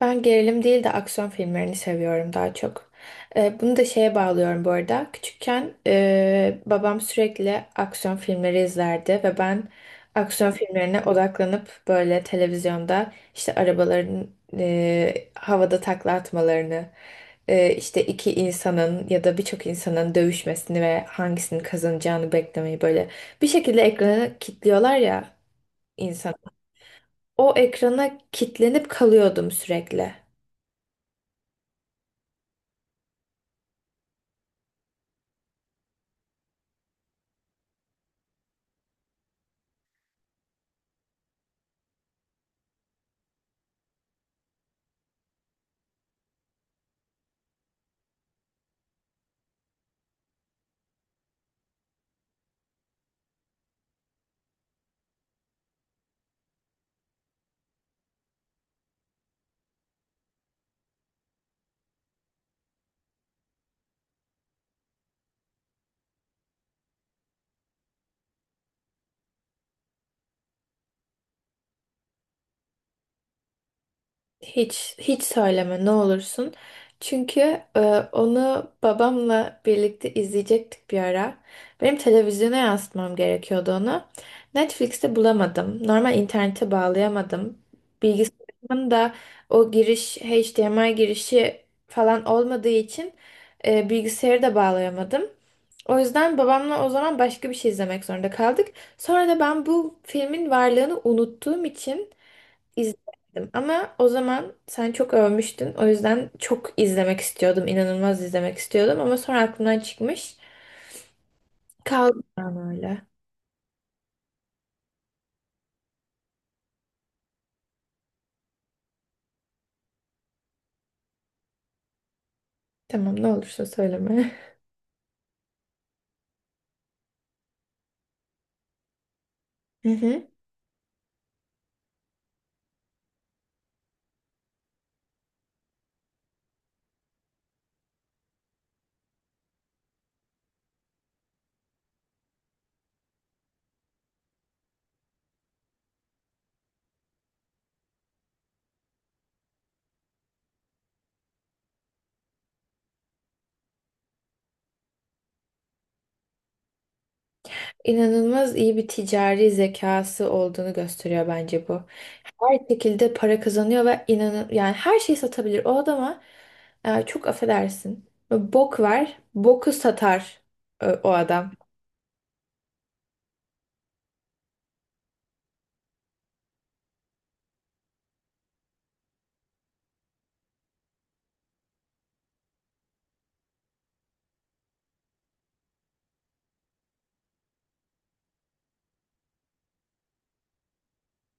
Ben gerilim değil de aksiyon filmlerini seviyorum daha çok. Bunu da şeye bağlıyorum bu arada. Küçükken babam sürekli aksiyon filmleri izlerdi ve ben aksiyon filmlerine odaklanıp böyle televizyonda işte arabaların havada takla atmalarını, işte iki insanın ya da birçok insanın dövüşmesini ve hangisinin kazanacağını beklemeyi böyle bir şekilde ekrana kilitliyorlar ya insan. O ekrana kilitlenip kalıyordum sürekli. Hiç söyleme ne olursun. Çünkü e, onu babamla birlikte izleyecektik bir ara. Benim televizyona yansıtmam gerekiyordu onu. Netflix'te bulamadım. Normal internete bağlayamadım. Bilgisayarımın da o giriş HDMI girişi falan olmadığı için bilgisayarı da bağlayamadım. O yüzden babamla o zaman başka bir şey izlemek zorunda kaldık. Sonra da ben bu filmin varlığını unuttuğum için İzledim ama o zaman sen çok övmüştün. O yüzden çok izlemek istiyordum, inanılmaz izlemek istiyordum ama sonra aklımdan çıkmış. Kaldı yani öyle. Tamam ne olursa söyleme. Hı hı. İnanılmaz iyi bir ticari zekası olduğunu gösteriyor bence bu. Her şekilde para kazanıyor ve inanın yani her şeyi satabilir o adama. Çok affedersin. Bok var, boku satar o adam.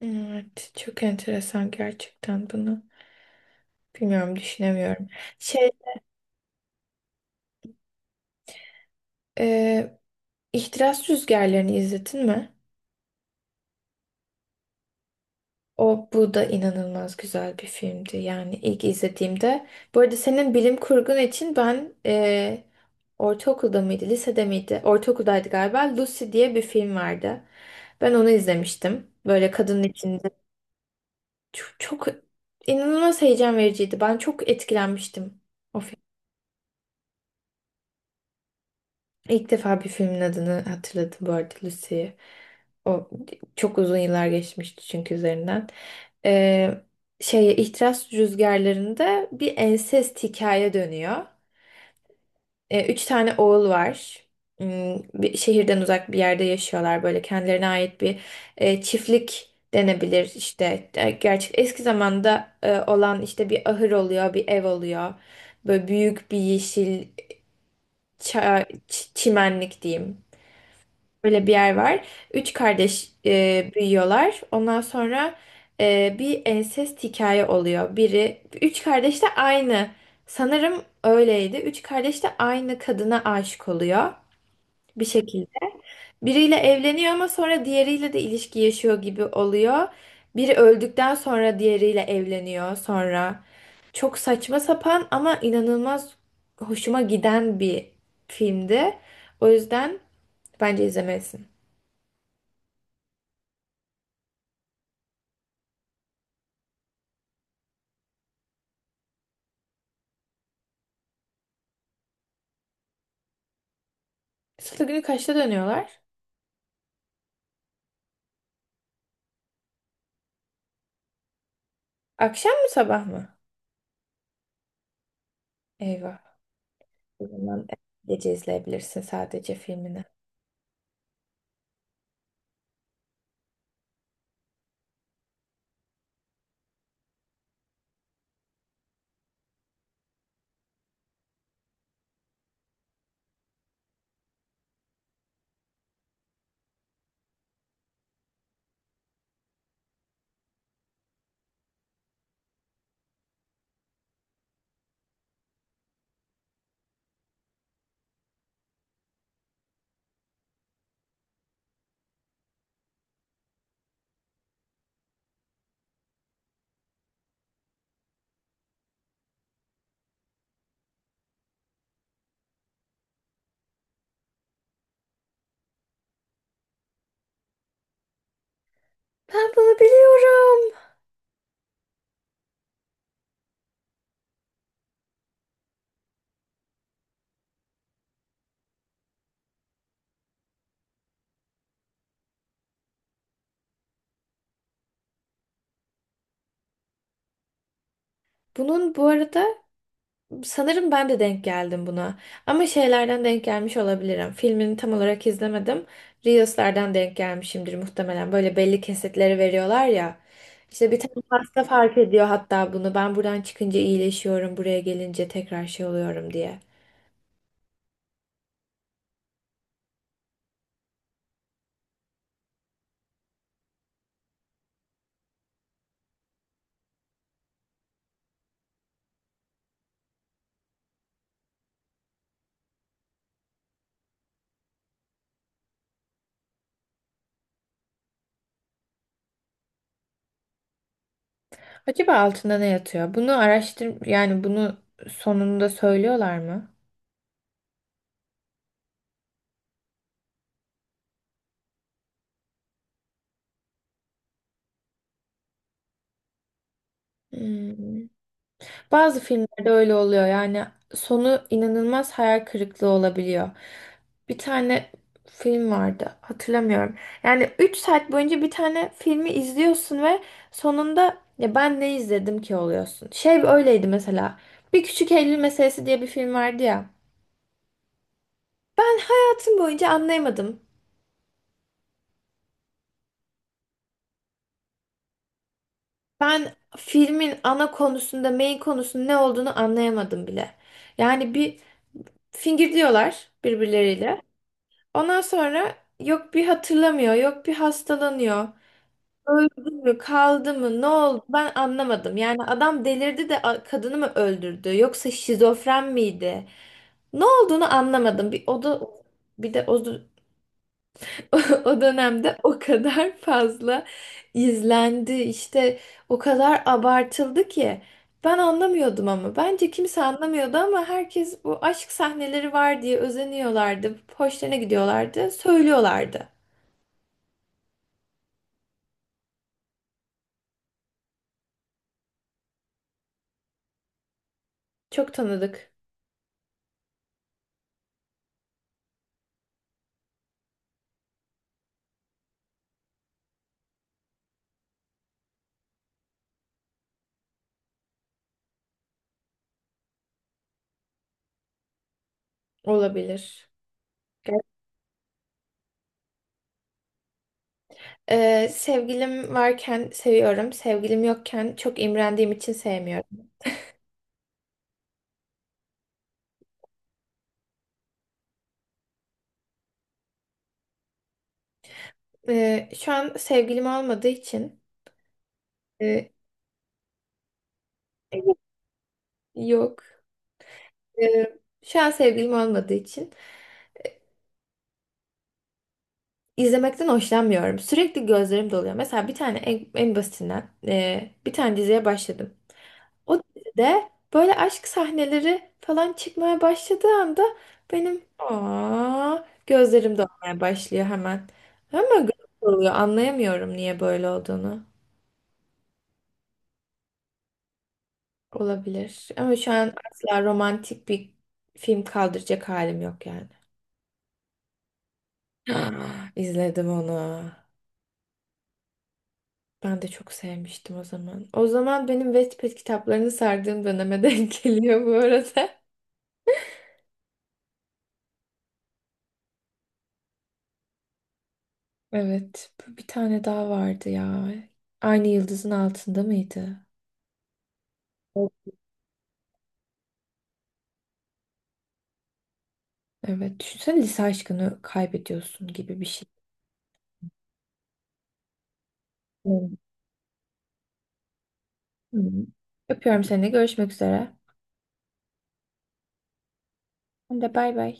Evet, çok enteresan gerçekten bunu. Bilmiyorum düşünemiyorum. Şey, e, İhtiras Rüzgarları'nı izledin mi? O, bu da inanılmaz güzel bir filmdi. Yani ilk izlediğimde. Bu arada senin bilim kurgun için ben, ortaokulda mıydı, lisede miydi? Ortaokuldaydı galiba. Lucy diye bir film vardı. Ben onu izlemiştim. Böyle kadının içinde. Çok inanılmaz heyecan vericiydi. Ben çok etkilenmiştim o. İlk defa bir filmin adını hatırladım bu arada, Lucy'yi. O çok uzun yıllar geçmişti çünkü üzerinden. Ee, Şeye, İhtiras Rüzgarları'nda bir ensest hikaye dönüyor. Üç tane oğul var. Hmm, bir şehirden uzak bir yerde yaşıyorlar. Böyle kendilerine ait bir çiftlik denebilir işte. E, gerçek eski zamanda olan işte bir ahır oluyor, bir ev oluyor. Böyle büyük bir yeşil çimenlik diyeyim. Böyle bir yer var. Üç kardeş büyüyorlar. Ondan sonra bir ensest hikaye oluyor. Biri, üç kardeş de aynı. Sanırım öyleydi. Üç kardeş de aynı kadına aşık oluyor bir şekilde. Biriyle evleniyor ama sonra diğeriyle de ilişki yaşıyor gibi oluyor. Biri öldükten sonra diğeriyle evleniyor sonra. Çok saçma sapan ama inanılmaz hoşuma giden bir filmdi. O yüzden bence izlemelisin. Salı günü kaçta dönüyorlar? Akşam mı sabah mı? Eyvah. O zaman gece izleyebilirsin sadece filmini. Ben bunu biliyorum. Bunun bu arada sanırım ben de denk geldim buna. Ama şeylerden denk gelmiş olabilirim. Filmini tam olarak izlemedim. Reels'lerden denk gelmişimdir muhtemelen. Böyle belli kesitleri veriyorlar ya. İşte bir tane hasta fark ediyor hatta bunu. Ben buradan çıkınca iyileşiyorum, buraya gelince tekrar şey oluyorum diye. Acaba altında ne yatıyor? Bunu araştır, yani bunu sonunda söylüyorlar mı? Hmm. Bazı filmlerde öyle oluyor. Yani sonu inanılmaz hayal kırıklığı olabiliyor. Bir tane film vardı, hatırlamıyorum. Yani 3 saat boyunca bir tane filmi izliyorsun ve sonunda ya ben ne izledim ki oluyorsun. Şey öyleydi mesela. Bir Küçük Eylül Meselesi diye bir film vardı ya. Ben hayatım boyunca anlayamadım. Ben filmin ana konusunda, main konusunun ne olduğunu anlayamadım bile. Yani bir, fingirdiyorlar birbirleriyle. Ondan sonra yok bir hatırlamıyor, yok bir hastalanıyor. Öldü mü, kaldı mı, ne oldu ben anlamadım. Yani adam delirdi de kadını mı öldürdü, yoksa şizofren miydi? Ne olduğunu anlamadım. Bir o da bir de o o dönemde o kadar fazla izlendi, işte o kadar abartıldı ki ben anlamıyordum ama bence kimse anlamıyordu ama herkes bu aşk sahneleri var diye özeniyorlardı, hoşlarına gidiyorlardı, söylüyorlardı. Çok tanıdık olabilir. Sevgilim varken seviyorum, sevgilim yokken çok imrendiğim için sevmiyorum. Şu an sevgilim olmadığı için e, yok. Ee, Şu an sevgilim olmadığı için izlemekten hoşlanmıyorum. Sürekli gözlerim doluyor. Mesela bir tane en basitinden bir tane diziye başladım. O dizide böyle aşk sahneleri falan çıkmaya başladığı anda benim gözlerim dolmaya başlıyor hemen. Ama gözüm doluyor. Anlayamıyorum niye böyle olduğunu. Olabilir. Ama şu an asla romantik bir film kaldıracak halim yok yani. İzledim onu. Ben de çok sevmiştim o zaman. O zaman benim Wattpad kitaplarını sardığım döneme denk geliyor bu arada. Evet, bu, bir tane daha vardı ya. Aynı yıldızın altında mıydı? O- Evet, düşünsene lise aşkını kaybediyorsun gibi bir şey. Hmm. Öpüyorum seni, görüşmek üzere. Ben de bay bay.